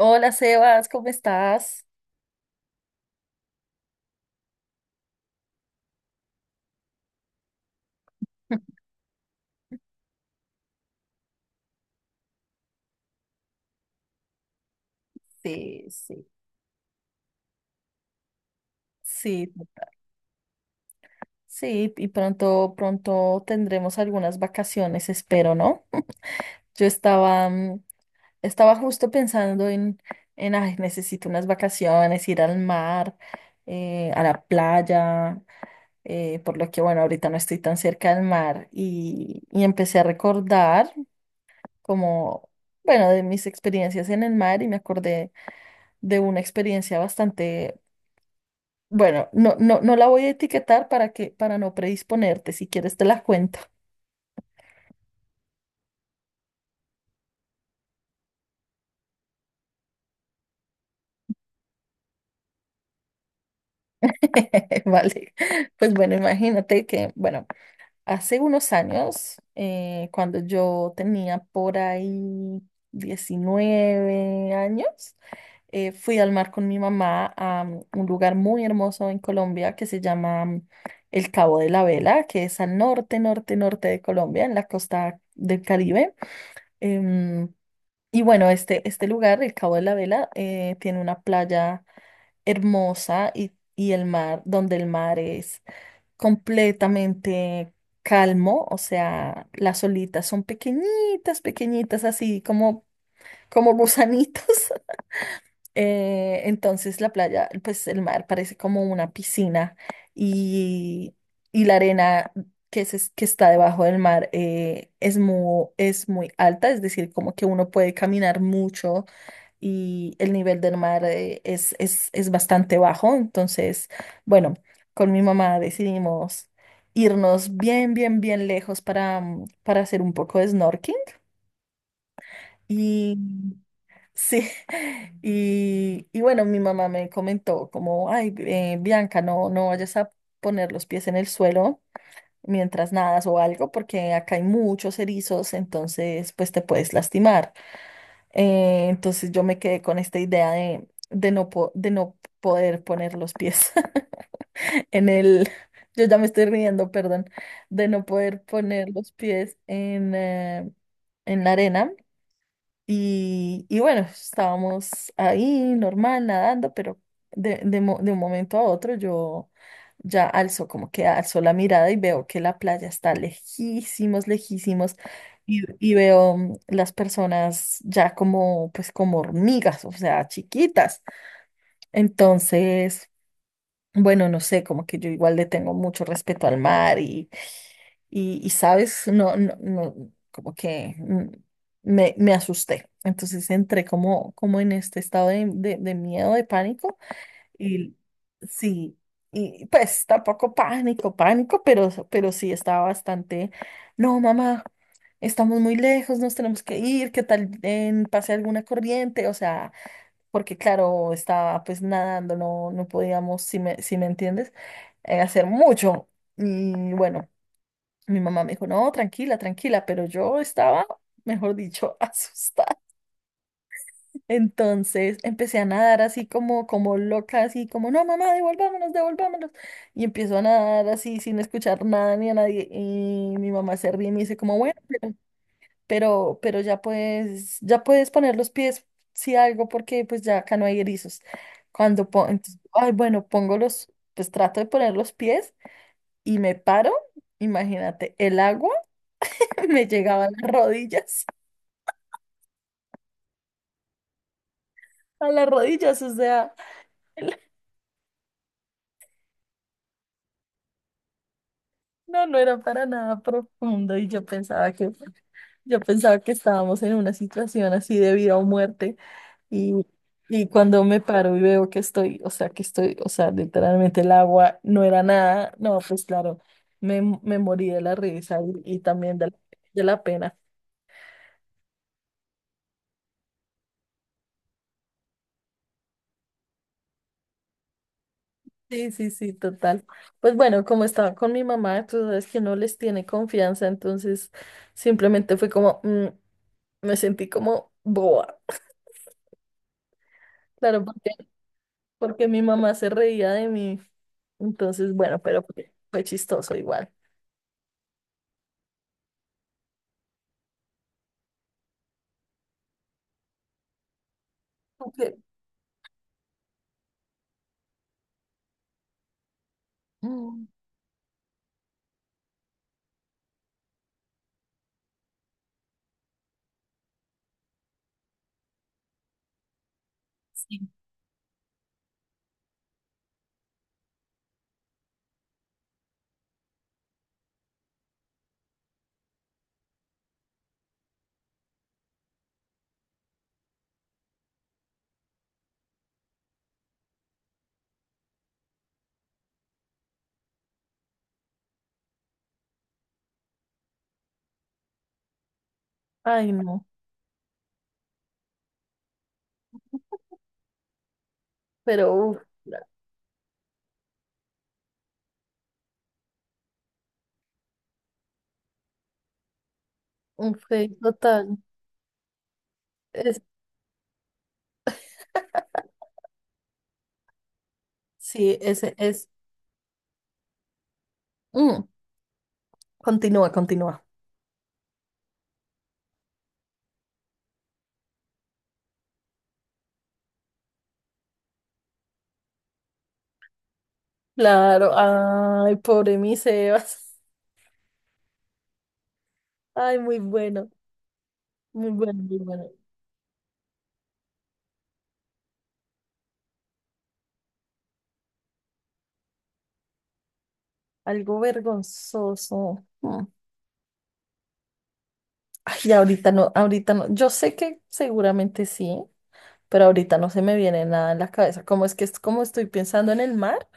Hola Sebas, ¿cómo estás? Sí, sí. Sí, sí, y pronto, pronto tendremos algunas vacaciones, espero, ¿no? Yo estaba, estaba justo pensando en, ay, necesito unas vacaciones, ir al mar, a la playa, por lo que, bueno, ahorita no estoy tan cerca del mar y empecé a recordar como, bueno, de mis experiencias en el mar y me acordé de una experiencia bastante. Bueno, no, no, no la voy a etiquetar para que, para no predisponerte, si quieres te la cuento. Vale. Pues bueno, imagínate que, bueno, hace unos años, cuando yo tenía por ahí 19 años, fui al mar con mi mamá a un lugar muy hermoso en Colombia que se llama el Cabo de la Vela, que es al norte, norte, norte de Colombia, en la costa del Caribe. Em, Y bueno, este lugar, el Cabo de la Vela, tiene una playa hermosa y el mar, donde el mar es completamente calmo, o sea, las olitas son pequeñitas, pequeñitas, así como, como gusanitos. Entonces la playa, pues el mar parece como una piscina y, y la arena que está debajo del mar es muy alta, es decir, como que uno puede caminar mucho y el nivel del mar es bastante bajo. Entonces, bueno, con mi mamá decidimos irnos bien, bien, bien lejos para, para hacer un poco de snorkeling. Y sí, y bueno, mi mamá me comentó como, ay, Bianca, no, no vayas a poner los pies en el suelo mientras nadas o algo, porque acá hay muchos erizos, entonces pues te puedes lastimar. Entonces yo me quedé con esta idea de no, de no poder poner los pies en el, yo ya me estoy riendo, perdón, de no poder poner los pies en la arena y bueno, estábamos ahí normal, nadando, pero de, de un momento a otro yo ya alzo, como que alzo la mirada y veo que la playa está lejísimos, lejísimos, y veo las personas ya como, pues como hormigas, o sea, chiquitas. Entonces, bueno, no sé, como que yo igual le tengo mucho respeto al mar y, sabes, no, no, no, como que me, me asusté. Entonces entré como, como en este estado de miedo, de pánico. Y sí, y pues tampoco pánico, pánico, pero sí estaba bastante, no, mamá, estamos muy lejos, nos tenemos que ir, ¿qué tal en pase alguna corriente? O sea, porque claro, estaba pues nadando, no, no podíamos, si me, si me entiendes, hacer mucho. Y bueno. Mi mamá me dijo, no, tranquila, tranquila, pero yo estaba, mejor dicho, asustada. Entonces empecé a nadar así como, como loca, así como, no, mamá, devolvámonos, devolvámonos. Y empiezo a nadar así sin escuchar nada ni a nadie. Y mi mamá se ríe y me dice como, bueno, pero ya puedes poner los pies, si algo, porque pues ya acá no hay erizos. Cuando pongo, ay, bueno, pongo los, pues trato de poner los pies y me paro, imagínate, el agua. me llegaba a las rodillas, a las rodillas, o sea, no, no era para nada profundo y yo pensaba que estábamos en una situación así de vida o muerte y, y cuando me paro y veo que estoy, o sea, que estoy, o sea, literalmente el agua no era nada, no, pues claro, me morí de la risa y también de la pena. Sí, sí, sí, total. Pues bueno, como estaba con mi mamá, tú sabes que no les tiene confianza, entonces simplemente fue como... me sentí como boba. Claro, porque, porque mi mamá se reía de mí. Entonces, bueno, pero fue chistoso igual. Aunque, mm, sí. Ay, no. Pero uf, un fail total. Es, sí, ese es. Mm, continúa, continúa. Claro, ay, pobre mi Sebas. Ay, muy bueno, muy bueno, muy bueno. Algo vergonzoso. Mm. Ay, ahorita no, ahorita no. Yo sé que seguramente sí, pero ahorita no se me viene nada en la cabeza. Como es que es como estoy pensando en el mar,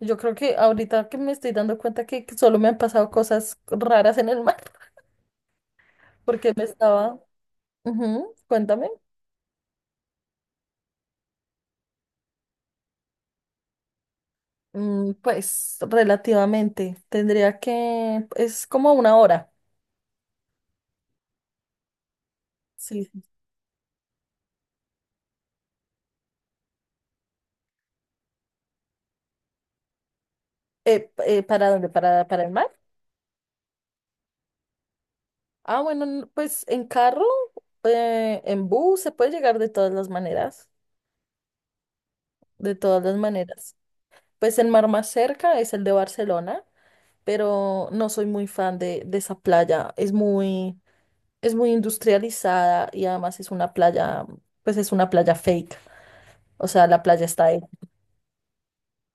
yo creo que ahorita que me estoy dando cuenta que solo me han pasado cosas raras en el mar, porque me estaba... Ujú, cuéntame. Mm, pues relativamente, tendría que... Es como una hora. Sí. ¿Para dónde? Para el mar? Ah, bueno, pues en carro, en bus, se puede llegar de todas las maneras, de todas las maneras. Pues el mar más cerca es el de Barcelona, pero no soy muy fan de esa playa. Es muy industrializada y además es una playa, pues es una playa fake. O sea, la playa está ahí.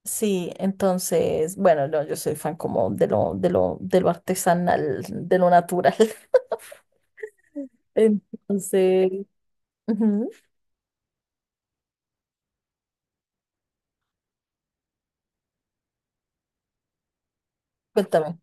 Sí, entonces, bueno, no, yo soy fan como de lo, de lo, de lo artesanal, de lo natural. Entonces, ujú, cuéntame.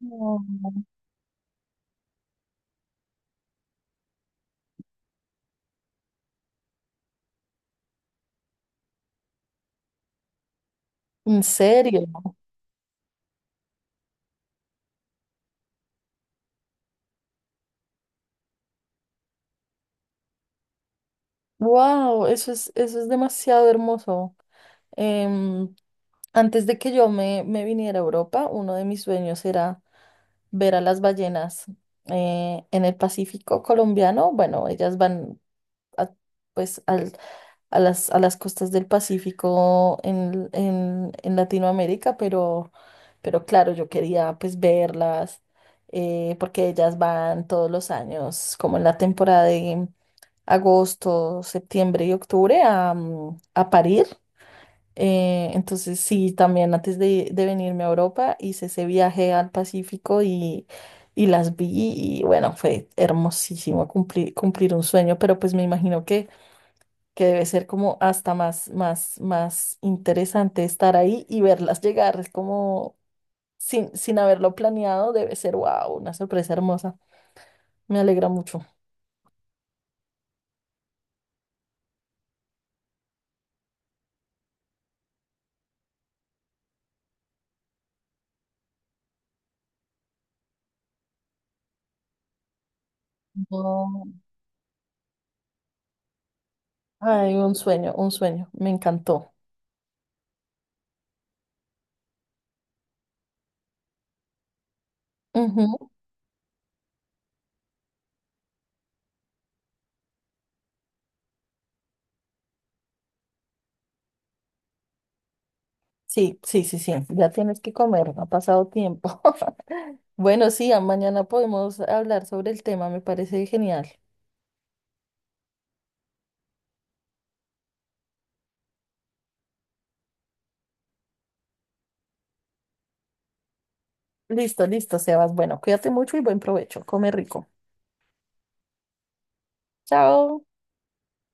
No. ¿En serio? Wow, eso es demasiado hermoso. Em, antes de que yo me, me viniera a Europa, uno de mis sueños era ver a las ballenas en el Pacífico colombiano. Bueno, ellas van a, pues al- a las costas del Pacífico en, en Latinoamérica, pero claro, yo quería pues verlas porque ellas van todos los años, como en la temporada de agosto, septiembre y octubre a, a parir. Entonces sí, también antes de venirme a Europa hice ese viaje al Pacífico y las vi y bueno, fue hermosísimo cumplir, cumplir un sueño, pero pues me imagino que debe ser como hasta más, más, más interesante estar ahí y verlas llegar, es como sin, sin haberlo planeado, debe ser wow, una sorpresa hermosa, me alegra mucho. No, ay, un sueño, me encantó. Sí, sí, sí, sí, ya tienes que comer, no ha pasado tiempo. Bueno, sí, mañana podemos hablar sobre el tema, me parece genial. Listo, listo, Sebas. Bueno, cuídate mucho y buen provecho. Come rico. Chao.